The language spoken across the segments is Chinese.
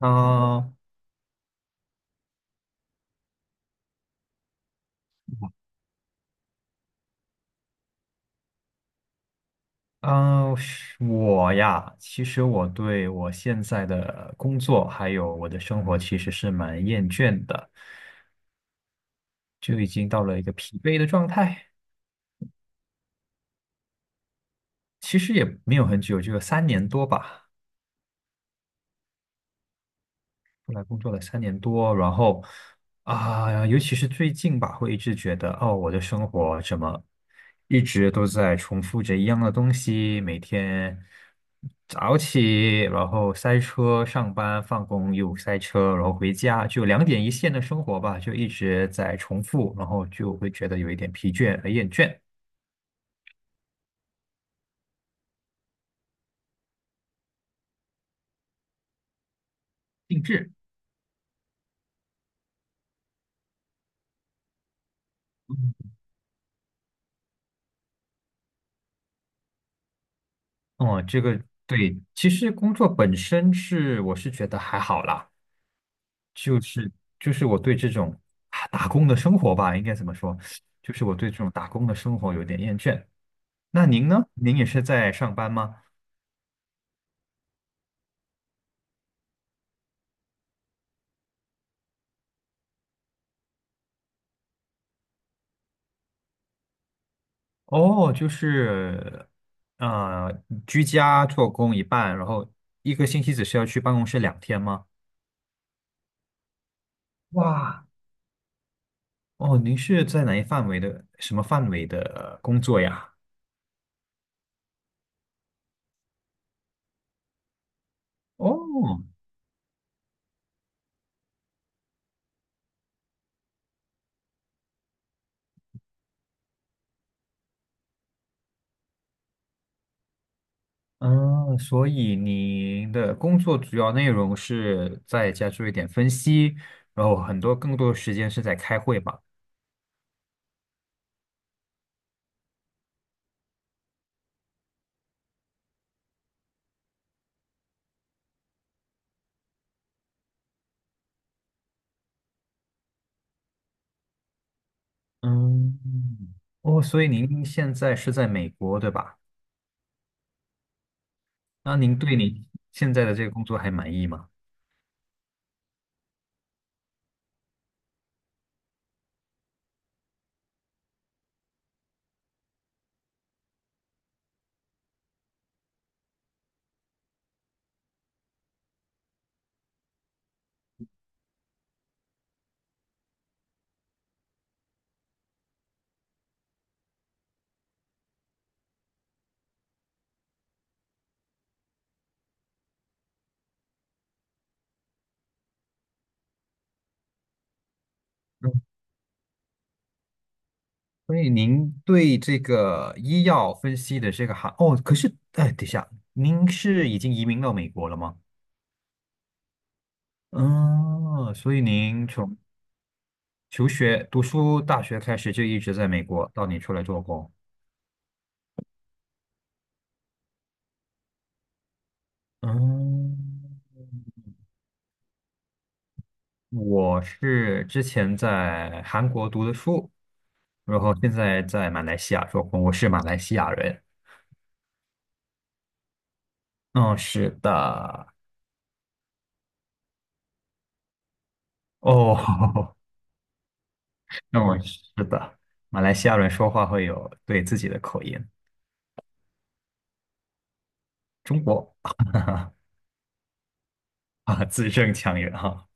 嗯嗯，是我呀，其实我对我现在的工作还有我的生活其实是蛮厌倦的，就已经到了一个疲惫的状态。其实也没有很久，就有三年多吧。出来工作了三年多，然后啊，尤其是最近吧，会一直觉得哦，我的生活怎么一直都在重复着一样的东西，每天早起，然后塞车上班，放工又塞车，然后回家，就两点一线的生活吧，就一直在重复，然后就会觉得有一点疲倦和厌倦。定制。哦，这个对，其实工作本身是我是觉得还好啦，就是就是我对这种啊打工的生活吧，应该怎么说？就是我对这种打工的生活有点厌倦。那您呢？您也是在上班吗？哦，就是呃，居家做工一半，然后一个星期只需要去办公室2天吗？哇，哦，您是在哪一范围的，什么范围的工作呀？哦，嗯，所以你的工作主要内容是在家做一点分析，然后很多更多的时间是在开会吧？嗯，哦，所以您现在是在美国，对吧？那您对你现在的这个工作还满意吗？嗯，所以您对这个医药分析的这个行，哦，可是，哎，等一下，您是已经移民到美国了吗？嗯，所以您从求学、读书、大学开始就一直在美国，到你出来做工。嗯，我是之前在韩国读的书，然后现在在马来西亚做工，我是马来西亚人。嗯，是的。哦，那我是的，马来西亚人说话会有对自己的口音，中国啊，字正腔圆哈。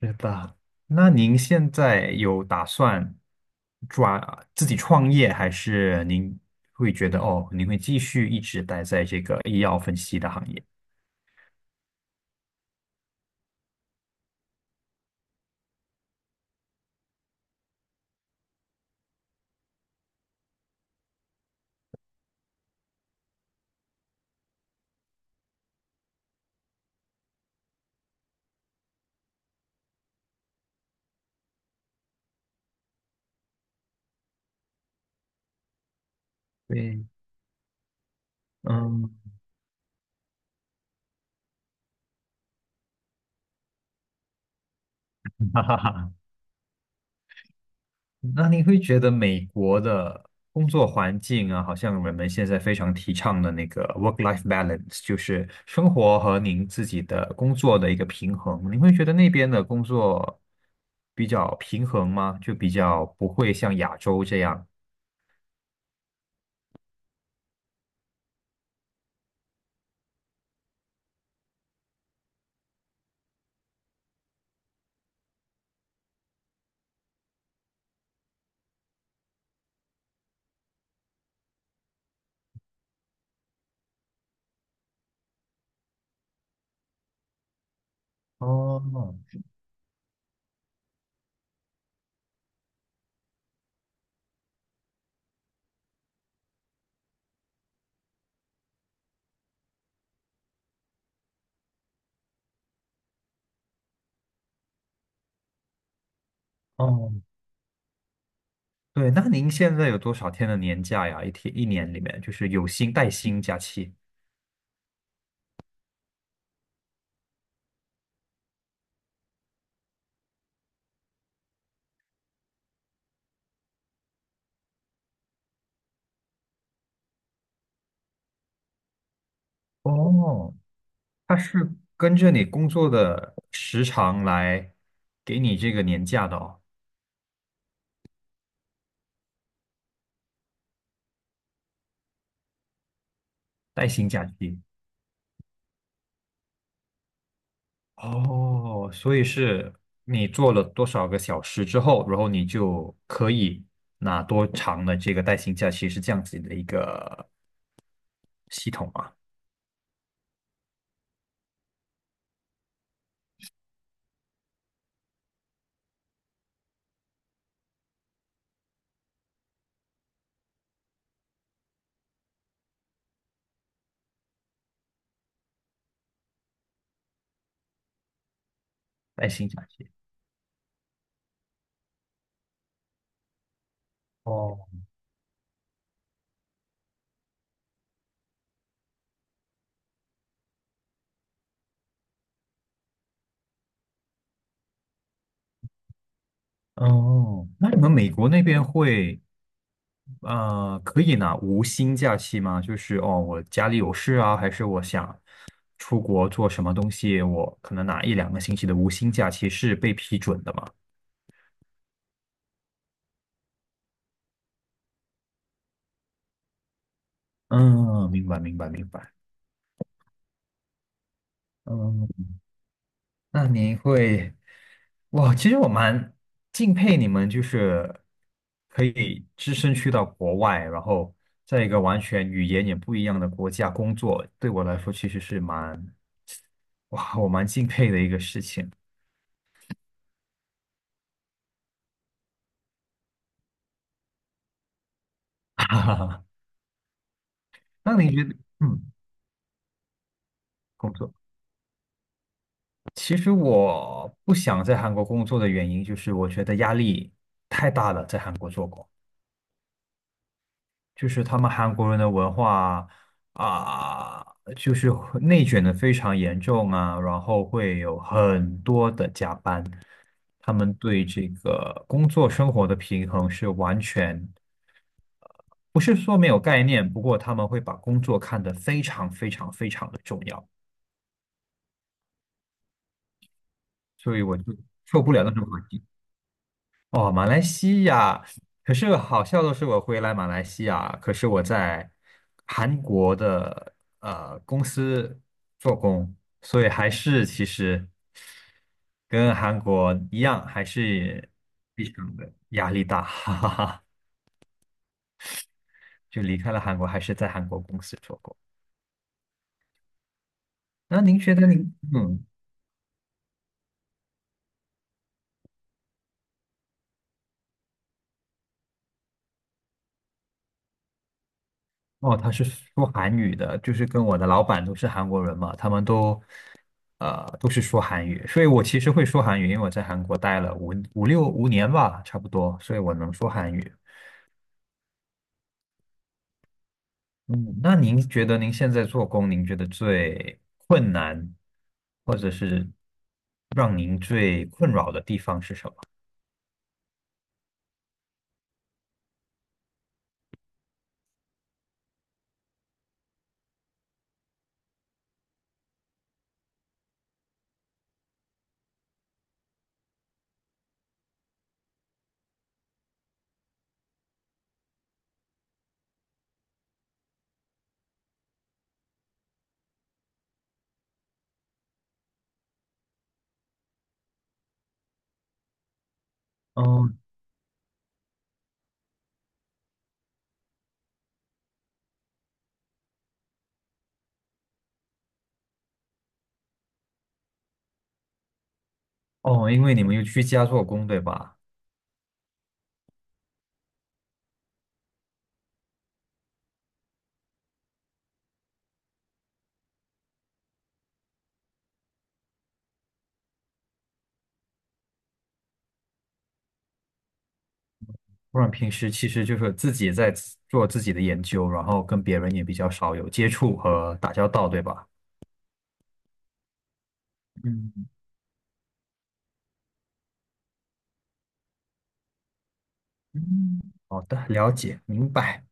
是的，那您现在有打算抓自己创业，还是您会觉得哦，您会继续一直待在这个医药分析的行业？对。嗯。哈哈哈，那你会觉得美国的工作环境啊，好像人们现在非常提倡的那个 work-life balance，就是生活和您自己的工作的一个平衡。你会觉得那边的工作比较平衡吗？就比较不会像亚洲这样。哦哦，对，那您现在有多少天的年假呀？一天一年里面，就是有薪带薪假期。哦，它是跟着你工作的时长来给你这个年假的哦，带薪假期。哦，所以是你做了多少个小时之后，然后你就可以拿多长的这个带薪假期，是这样子的一个系统啊，带薪假期。哦，哦，那你们美国那边可以拿无薪假期吗？就是哦，我家里有事啊，还是我想。出国做什么东西，我可能拿一两个星期的无薪假期是被批准的嘛。嗯，明白，明白，明白。嗯，那您会，哇，其实我蛮敬佩你们，就是可以只身去到国外，然后在一个完全语言也不一样的国家工作，对我来说其实是蛮，哇，我蛮敬佩的一个事情。哈哈哈。那你觉得，嗯，工作？其实我不想在韩国工作的原因，就是我觉得压力太大了，在韩国做工，就是他们韩国人的文化啊，就是内卷的非常严重啊，然后会有很多的加班，他们对这个工作生活的平衡是完全不是说没有概念，不过他们会把工作看得非常非常非常的重要，所以我就受不了那种环境。哦，马来西亚，可是好笑的是，我回来马来西亚，可是我在韩国的公司做工，所以还是其实跟韩国一样，还是非常的压力大，哈哈哈。就离开了韩国，还是在韩国公司做工。那您觉得您，嗯，哦，他是说韩语的，就是跟我的老板都是韩国人嘛，他们都是说韩语，所以我其实会说韩语，因为我在韩国待了五年吧，差不多，所以我能说韩语。嗯，那您觉得您现在做工，您觉得最困难，或者是让您最困扰的地方是什么？嗯，哦，因为你们又居家做工，对吧？不然平时其实就是自己在自做自己的研究，然后跟别人也比较少有接触和打交道，对吧？嗯嗯，好的，了解，明白。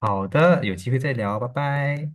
好的，有机会再聊，拜拜。